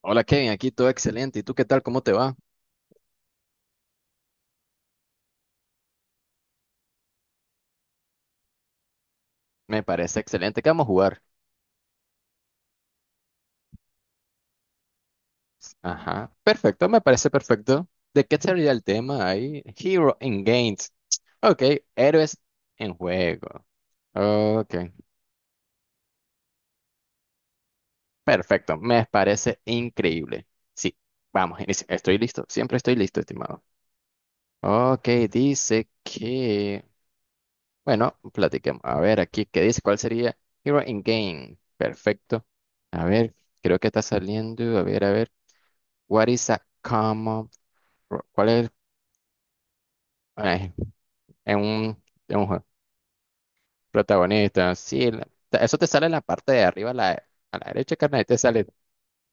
Hola Kevin, aquí todo excelente. ¿Y tú qué tal? ¿Cómo te va? Me parece excelente. ¿Qué vamos a jugar? Ajá, perfecto, me parece perfecto. ¿De qué sería el tema ahí? Hero in Games. Ok, héroes en juego. Ok, perfecto, me parece increíble. Sí, vamos, inicia. Estoy listo, siempre estoy listo, estimado. Ok, dice que... Bueno, platiquemos. A ver aquí, ¿qué dice? ¿Cuál sería Hero in Game? Perfecto. A ver, creo que está saliendo. A ver, a ver. What is a common... ¿Cuál es? eh, en en un juego. Protagonista. Sí, eso te sale en la parte de arriba, a la derecha, carnal, y te sale,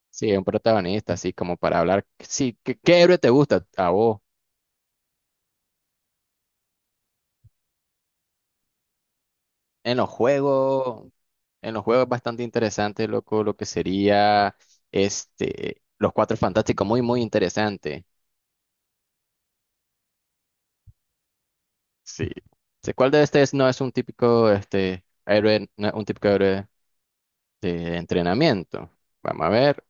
sí, un protagonista, así como para hablar. Sí, ¿qué, qué héroe te gusta a vos? En los juegos, en los juegos es bastante interesante, loco, lo que sería este, los cuatro fantásticos, muy, muy interesante. Sí. Sí, ¿cuál de estos no es un típico este, héroe, no es un típico héroe de entrenamiento? Vamos a ver.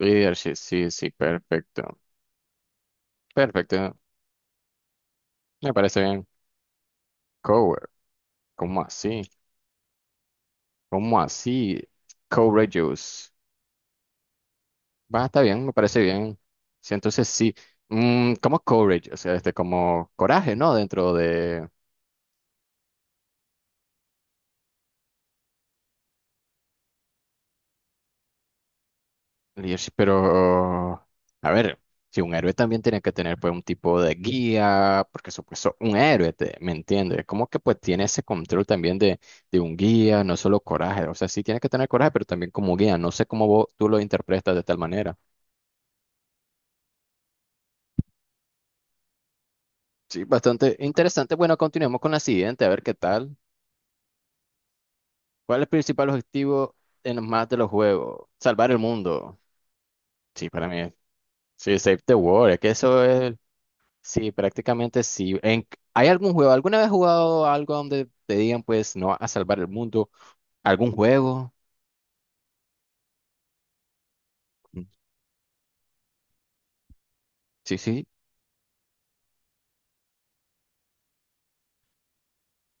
Leadership, sí, sí, perfecto. Perfecto, me parece bien. Cover, ¿cómo así? ¿Cómo así? Courageous. Va, está bien, me parece bien. Sí, entonces sí. Mm, ¿cómo courage? O sea, este, como coraje, ¿no? Dentro de, Lish, pero, a ver, si un héroe también tiene que tener pues un tipo de guía, porque supuesto, un héroe, te- ¿me entiendes? Como que pues tiene ese control también de un guía, no solo coraje, o sea, sí tiene que tener coraje, pero también como guía, no sé cómo vos, tú lo interpretas de tal manera. Sí, bastante interesante. Bueno, continuemos con la siguiente, a ver qué tal. ¿Cuál es el principal objetivo en más de los juegos? Salvar el mundo. Sí, para mí, sí, save the world, es que eso es. Sí, prácticamente sí. En, ¿hay algún juego? ¿Alguna vez has jugado algo donde te digan, pues, no vas a salvar el mundo? ¿Algún juego? Mm, sí, sí.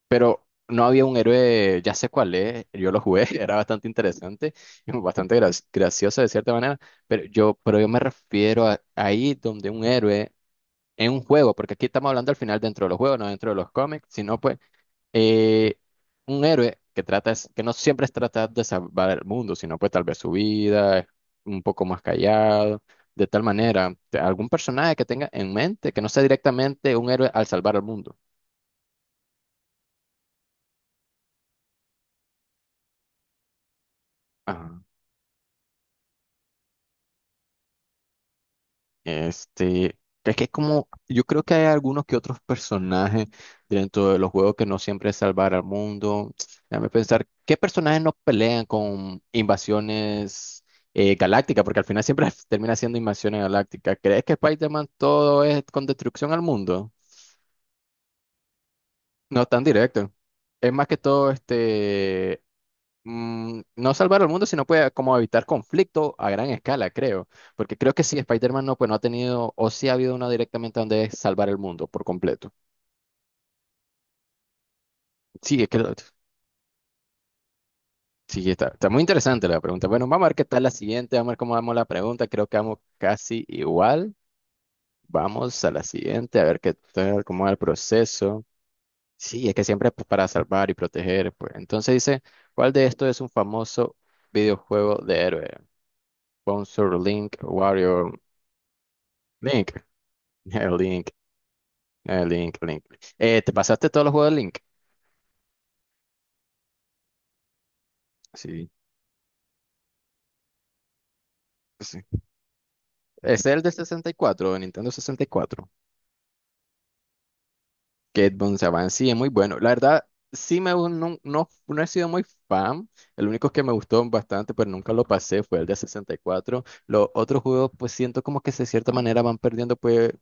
Pero no había un héroe, ya sé cuál es, yo lo jugué, era bastante interesante, y bastante gracioso de cierta manera, pero yo me refiero a ahí donde un héroe en un juego, porque aquí estamos hablando al final dentro de los juegos, no dentro de los cómics, sino pues eh, un héroe que trata es, que no siempre es tratar de salvar el mundo, sino pues tal vez su vida, es un poco más callado, de tal manera, te- algún personaje que tenga en mente que no sea directamente un héroe al salvar el mundo. Este, es que como, yo creo que hay algunos que otros personajes dentro de los juegos que no siempre es salvar al mundo. Déjame pensar, ¿qué personajes no pelean con invasiones galácticas? Porque al final siempre termina siendo invasiones galácticas. ¿Crees que Spider-Man todo es con destrucción al mundo? No es tan directo. Es más que todo este mm, no salvar al mundo, sino puede como evitar conflicto a gran escala, creo. Porque creo que sí, Spider-Man no, pues no ha tenido, o sí ha habido una directamente donde es salvar el mundo por completo. Sí, sí, está, está muy interesante la pregunta. Bueno, vamos a ver qué tal la siguiente, vamos a ver cómo vamos la pregunta. Creo que vamos casi igual. Vamos a la siguiente, a ver qué tal, cómo va el proceso. Sí, es que siempre pues, para salvar y proteger, pues. Entonces dice, ¿cuál de estos es un famoso videojuego de héroe? Sponsor Link, Warrior, Link. El Link, el Link, Link. ¿Te pasaste todos los juegos de Link? Sí, sí. Es el de 64, de Nintendo 64. Que Don Saban sí es muy bueno. La verdad, sí no, no, no he sido muy fan. El único que me gustó bastante, pero nunca lo pasé, fue el de 64. Los otros juegos, pues siento como que de cierta manera van perdiendo pues,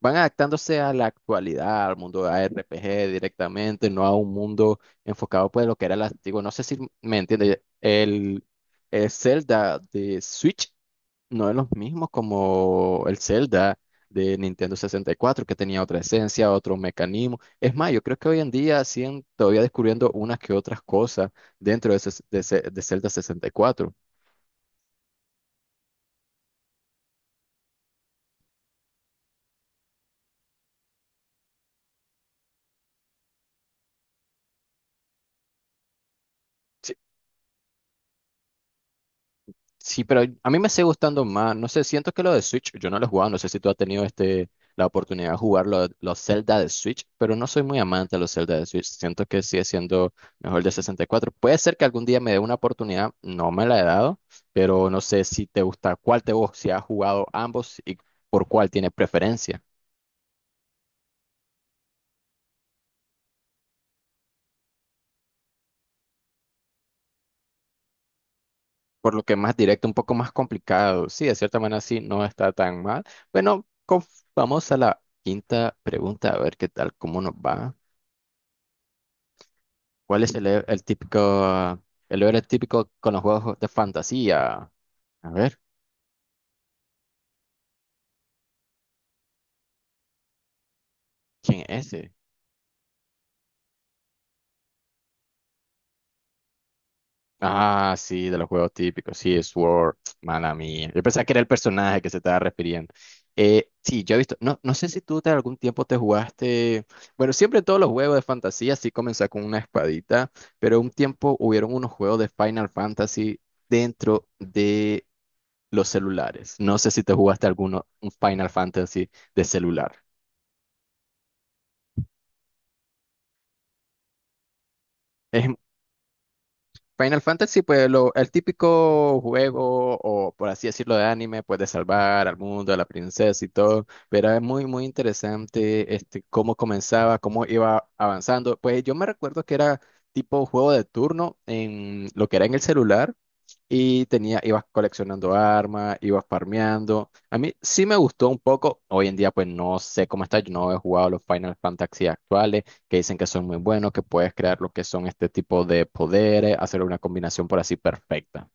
van adaptándose a la actualidad, al mundo de RPG directamente, no a un mundo enfocado pues lo que era el antiguo. No sé si me entiende. El Zelda de Switch no es lo mismo como el Zelda de Nintendo 64, que tenía otra esencia, otro mecanismo. Es más, yo creo que hoy en día siguen todavía descubriendo unas que otras cosas dentro de Zelda 64. Sí, pero a mí me sigue gustando más. No sé, siento que lo de Switch, yo no lo he jugado. No sé si tú has tenido este, la oportunidad de jugar los Zelda de Switch, pero no soy muy amante de los Zelda de Switch. Siento que sigue siendo mejor el de 64. Puede ser que algún día me dé una oportunidad, no me la he dado, pero no sé si te gusta cuál te gusta, si has jugado ambos y por cuál tienes preferencia. Por lo que más directo, un poco más complicado. Sí, de cierta manera sí, no está tan mal. Bueno, vamos a la quinta pregunta, a ver qué tal, cómo nos va. ¿Cuál es el típico, el héroe típico con los juegos de fantasía? A ver, ¿quién es ese? Ah, sí, de los juegos típicos, sí, Sword, mala mía. Yo pensaba que era el personaje que se estaba refiriendo. Sí, yo he visto, no, no sé si tú de algún tiempo te jugaste, bueno, siempre todos los juegos de fantasía sí comenzó con una espadita, pero un tiempo hubieron unos juegos de Final Fantasy dentro de los celulares. No sé si te jugaste alguno, un Final Fantasy de celular. Es, Final Fantasy, pues lo, el típico juego, o por así decirlo, de anime, pues de salvar al mundo, a la princesa y todo, pero es muy, muy interesante este, cómo comenzaba, cómo iba avanzando. Pues yo me recuerdo que era tipo juego de turno en lo que era en el celular y tenía, ibas coleccionando armas, ibas farmeando. A mí sí me gustó un poco, hoy en día pues no sé cómo está, yo no he jugado los Final Fantasy actuales que dicen que son muy buenos, que puedes crear lo que son este tipo de poderes, hacer una combinación por así perfecta.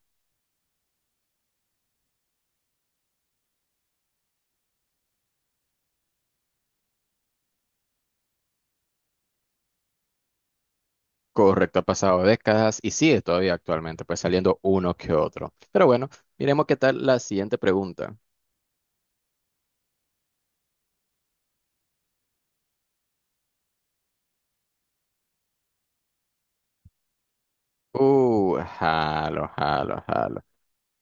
Correcto, ha pasado décadas y sigue todavía actualmente, pues saliendo uno que otro. Pero bueno, miremos qué tal la siguiente pregunta. Jalo, jalo, jalo.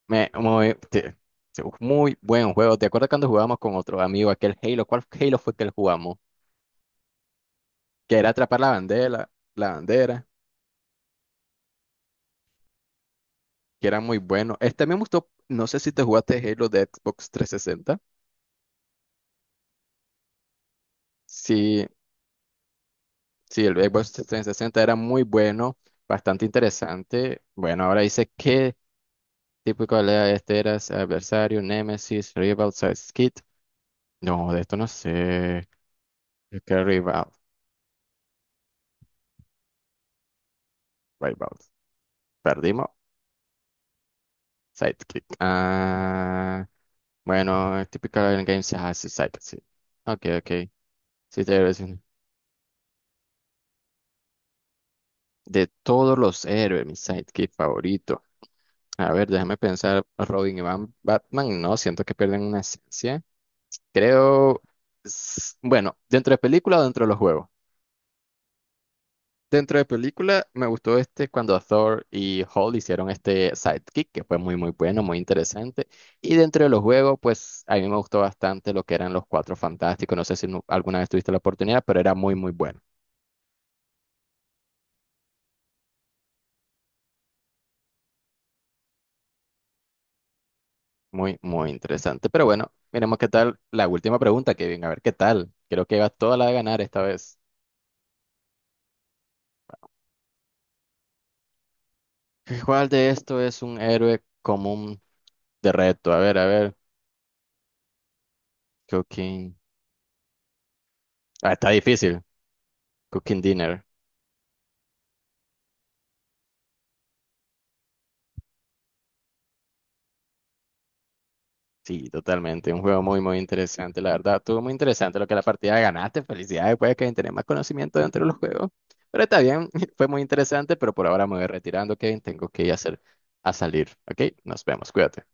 Me- muy, te- muy buen juego. ¿Te acuerdas cuando jugábamos con otro amigo aquel Halo? ¿Cuál Halo fue que jugamos? Que era atrapar la bandera, que era muy bueno. Este me gustó, no sé si te jugaste Halo de Xbox 360. Sí, sí, el Xbox 360 era muy bueno, bastante interesante. Bueno, ahora dice qué tipo de pelea este era adversario, Nemesis, Rival, Sidekick. No, de esto no sé. Creo que Rival, Rival. Perdimos. Sidekick. Ah, bueno, es típico en game. Ah, sí, Sidekick, sí. Ok, ok. Sí, de todos los héroes, mi Sidekick favorito. A ver, déjame pensar, Robin y Batman, no, siento que pierden una esencia. Creo, bueno, dentro de película o dentro de los juegos. Dentro de película me gustó este cuando Thor y Hall hicieron este sidekick, que fue muy muy bueno, muy interesante. Y dentro de los juegos, pues a mí me gustó bastante lo que eran los Cuatro Fantásticos. No sé si alguna vez tuviste la oportunidad, pero era muy muy bueno, muy muy interesante. Pero bueno, miremos qué tal la última pregunta, Kevin, a ver qué tal. Creo que va toda la de ganar esta vez. ¿Cuál de esto es un héroe común de reto? A ver, Cooking. Ah, está difícil. Cooking Dinner. Sí, totalmente. Un juego muy, muy interesante, la verdad. Estuvo muy interesante lo que la partida ganaste. Felicidades, puede que tenés más conocimiento dentro de los juegos. Pero está bien, fue muy interesante, pero por ahora me voy retirando, Kevin. Tengo que ir a hacer, a salir. ¿Ok? Nos vemos, cuídate.